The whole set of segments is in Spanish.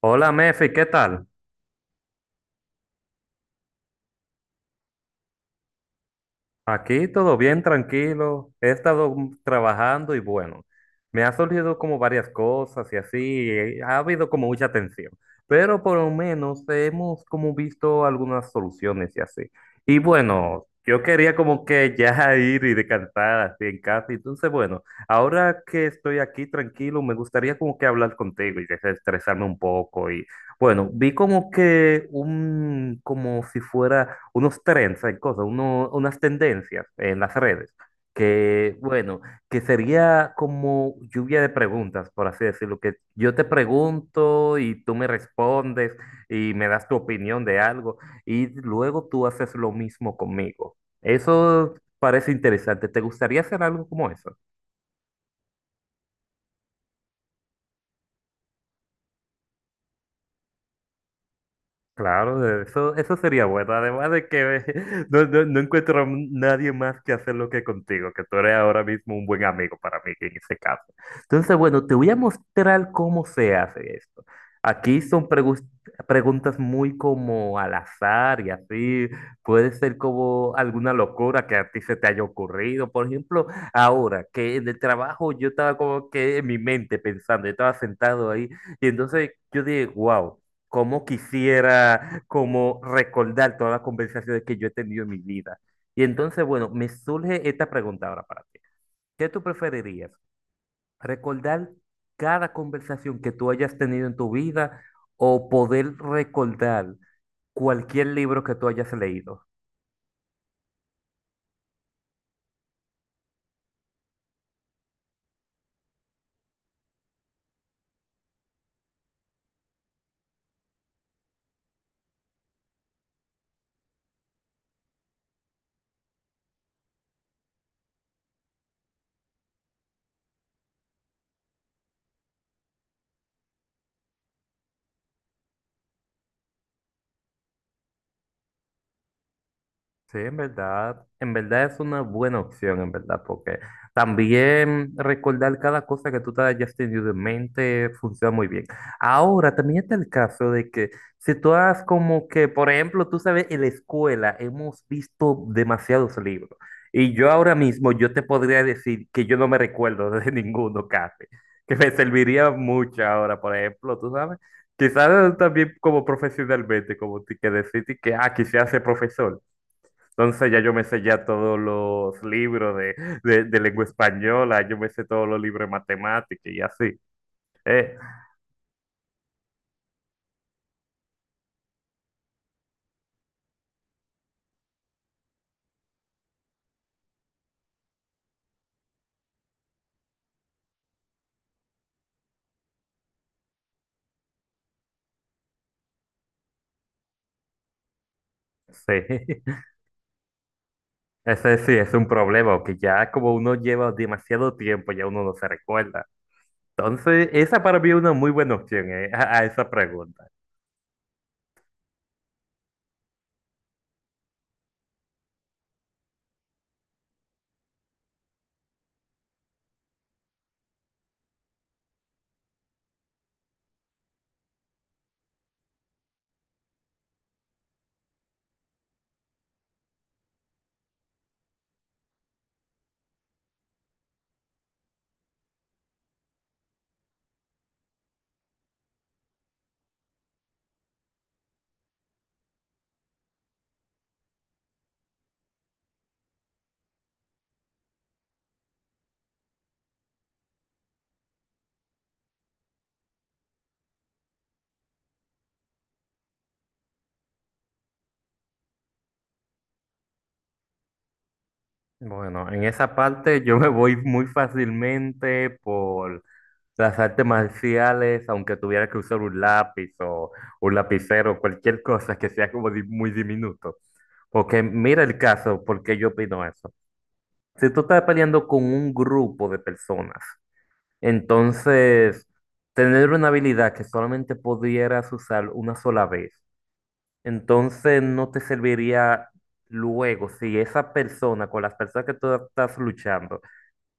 Hola Mefi, ¿qué tal? Aquí todo bien, tranquilo. He estado trabajando y bueno, me ha surgido como varias cosas y así, ha habido como mucha tensión, pero por lo menos hemos como visto algunas soluciones y así. Y bueno, yo quería como que ya ir y descansar así en casa, entonces bueno, ahora que estoy aquí tranquilo, me gustaría como que hablar contigo y desestresarme un poco. Bueno, vi como que un, como si fuera unos trends, hay cosas, unas tendencias en las redes, que bueno, que sería como lluvia de preguntas, por así decirlo, que yo te pregunto y tú me respondes y me das tu opinión de algo y luego tú haces lo mismo conmigo. Eso parece interesante. ¿Te gustaría hacer algo como eso? Claro, eso sería bueno. Además de que no, no, no encuentro a nadie más que hacerlo que contigo, que tú eres ahora mismo un buen amigo para mí en ese caso. Entonces, bueno, te voy a mostrar cómo se hace esto. Aquí son preguntas muy como al azar y así. Puede ser como alguna locura que a ti se te haya ocurrido. Por ejemplo, ahora que en el trabajo yo estaba como que en mi mente pensando, yo estaba sentado ahí y entonces yo dije, wow, cómo quisiera como recordar todas las conversaciones que yo he tenido en mi vida. Y entonces, bueno, me surge esta pregunta ahora para ti. ¿Qué tú preferirías? ¿Recordar cada conversación que tú hayas tenido en tu vida o poder recordar cualquier libro que tú hayas leído? Sí, en verdad es una buena opción, en verdad, porque también recordar cada cosa que tú te hayas tenido en mente funciona muy bien. Ahora, también está el caso de que si tú has como que, por ejemplo, tú sabes, en la escuela hemos visto demasiados libros y yo ahora mismo yo te podría decir que yo no me recuerdo de ninguno casi, que me serviría mucho ahora, por ejemplo, tú sabes, quizás también como profesionalmente, como que decirte que, ah, quisiera ser profesor. Entonces ya yo me sé ya todos los libros de, de lengua española, yo me sé todos los libros de matemática y así. Eh, sí, ese sí es un problema, que ya como uno lleva demasiado tiempo, ya uno no se recuerda. Entonces, esa para mí es una muy buena opción, a esa pregunta. Bueno, en esa parte yo me voy muy fácilmente por las artes marciales, aunque tuviera que usar un lápiz o un lapicero, cualquier cosa que sea como muy diminuto. Porque mira el caso, porque yo opino eso. Si tú estás peleando con un grupo de personas, entonces tener una habilidad que solamente pudieras usar una sola vez, entonces no te serviría luego si esa persona, con las personas que tú estás luchando,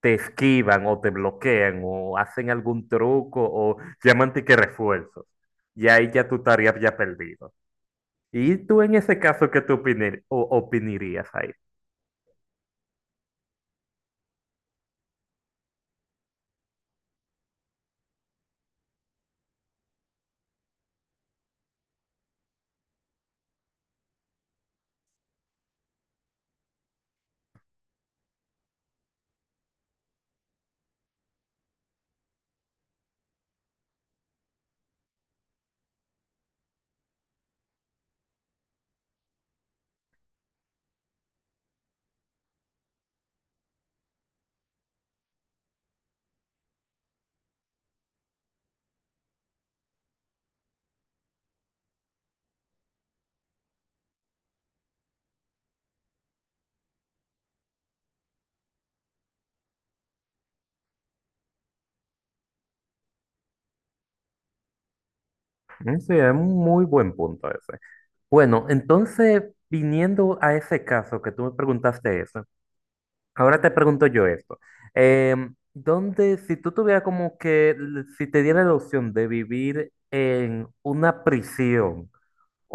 te esquivan o te bloquean o hacen algún truco o llaman que refuerzos. Y ahí ya tu tarea ya perdido. ¿Y tú en ese caso qué tú opinarías ahí? Mm, sí, es un muy buen punto ese. Bueno, entonces, viniendo a ese caso que tú me preguntaste eso, ahora te pregunto yo esto. ¿Dónde, si tú tuvieras como que, si te diera la opción de vivir en una prisión,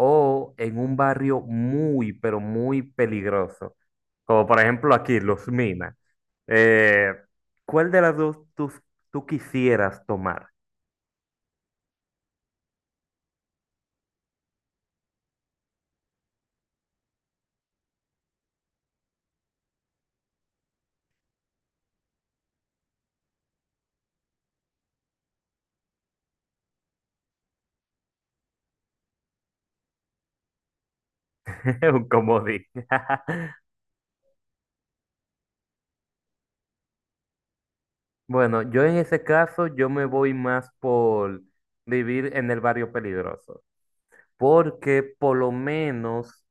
o en un barrio muy, pero muy peligroso, como por ejemplo aquí, Los Minas. Eh, ¿Cuál de las dos tú, tú quisieras tomar? Un comodín. Bueno, yo en ese caso, yo me voy más por vivir en el barrio peligroso, porque por lo menos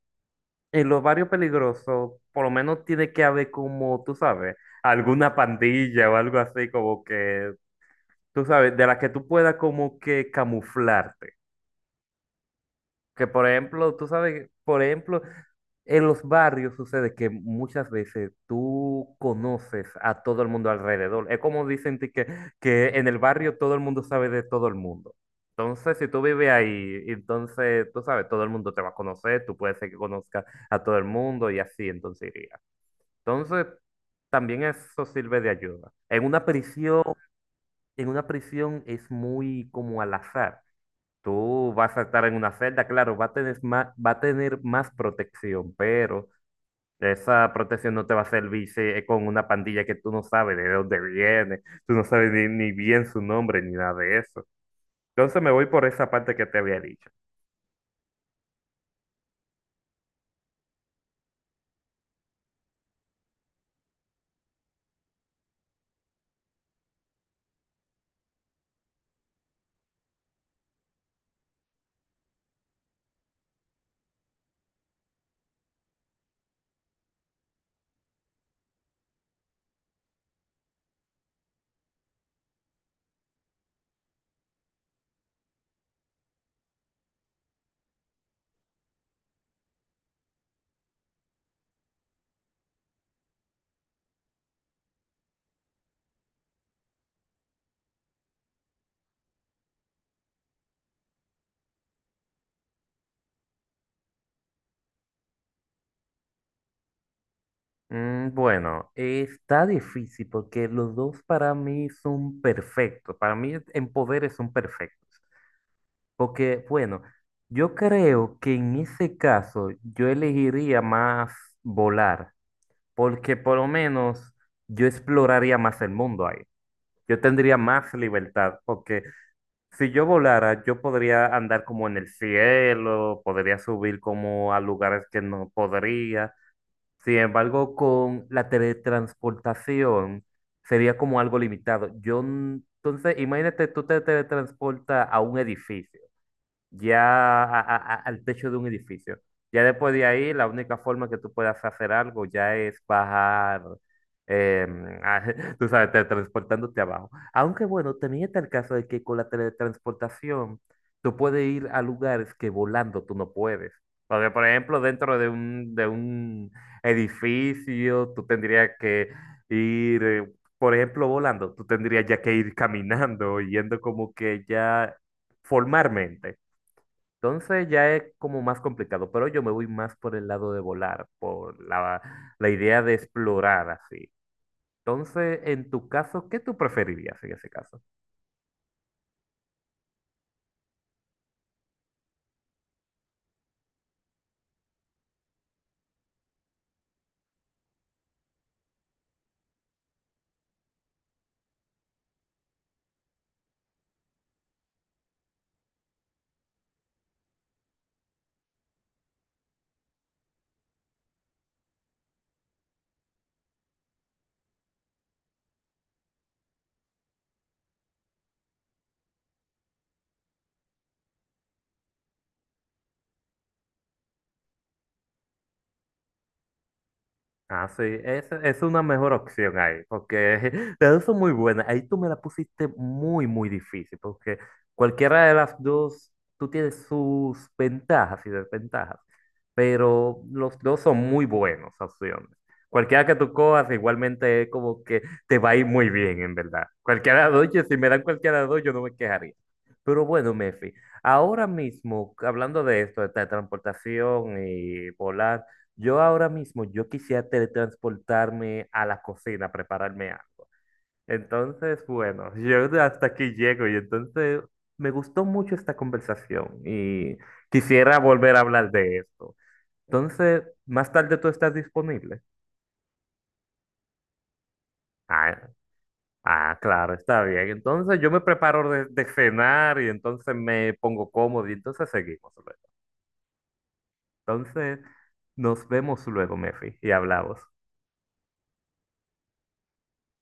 en los barrios peligrosos, por lo menos tiene que haber como, tú sabes, alguna pandilla o algo así como que tú sabes, de la que tú puedas como que camuflarte. Que por ejemplo, tú sabes, por ejemplo, en los barrios sucede que muchas veces tú conoces a todo el mundo alrededor. Es como dicen de que en el barrio todo el mundo sabe de todo el mundo. Entonces, si tú vives ahí, entonces tú sabes, todo el mundo te va a conocer, tú puedes ser que conozcas a todo el mundo y así, entonces iría. Entonces, también eso sirve de ayuda. En una prisión es muy como al azar. Tú vas a estar en una celda, claro, va a tener más, va a tener más protección, pero esa protección no te va a servir si es con una pandilla que tú no sabes de dónde viene, tú no sabes ni, ni bien su nombre ni nada de eso. Entonces me voy por esa parte que te había dicho. Mm, bueno, está difícil porque los dos para mí son perfectos, para mí en poderes son perfectos, porque bueno, yo creo que en ese caso yo elegiría más volar porque por lo menos yo exploraría más el mundo ahí. Yo tendría más libertad, porque si yo volara, yo podría andar como en el cielo, podría subir como a lugares que no podría. Sin embargo, con la teletransportación sería como algo limitado. Yo, entonces, imagínate, tú te teletransportas a un edificio ya al techo de un edificio. Ya después de ahí, la única forma que tú puedas hacer algo ya es bajar, em, tú sabes, transportándote abajo. Aunque bueno, también está el caso de que con la teletransportación tú puedes ir a lugares que volando tú no puedes. Porque, por ejemplo, dentro de un edificio, tú tendrías que ir, por ejemplo, volando, tú tendrías ya que ir caminando, yendo como que ya formalmente. Entonces ya es como más complicado, pero yo me voy más por el lado de volar, por la, la idea de explorar así. Entonces, en tu caso, ¿qué tú preferirías en ese caso? Ah, sí, es una mejor opción ahí, porque las dos son muy buenas. Ahí tú me la pusiste muy, muy difícil, porque cualquiera de las dos, tú tienes sus ventajas y desventajas, pero los dos son muy buenas opciones. Cualquiera que tú cojas, igualmente es como que te va a ir muy bien, en verdad. Cualquiera de las dos, si me dan cualquiera de las dos, yo no me quejaría. Pero bueno, Mefi, ahora mismo, hablando de esto, de transportación y volar. Yo ahora mismo, yo quisiera teletransportarme a la cocina, a prepararme algo. Entonces, bueno, yo hasta aquí llego y entonces me gustó mucho esta conversación y quisiera volver a hablar de esto. Entonces, más tarde tú estás disponible. Ah, ah, claro, está bien. Entonces yo me preparo de cenar y entonces me pongo cómodo y entonces seguimos luego. Entonces, nos vemos luego, Mefi, y hablamos.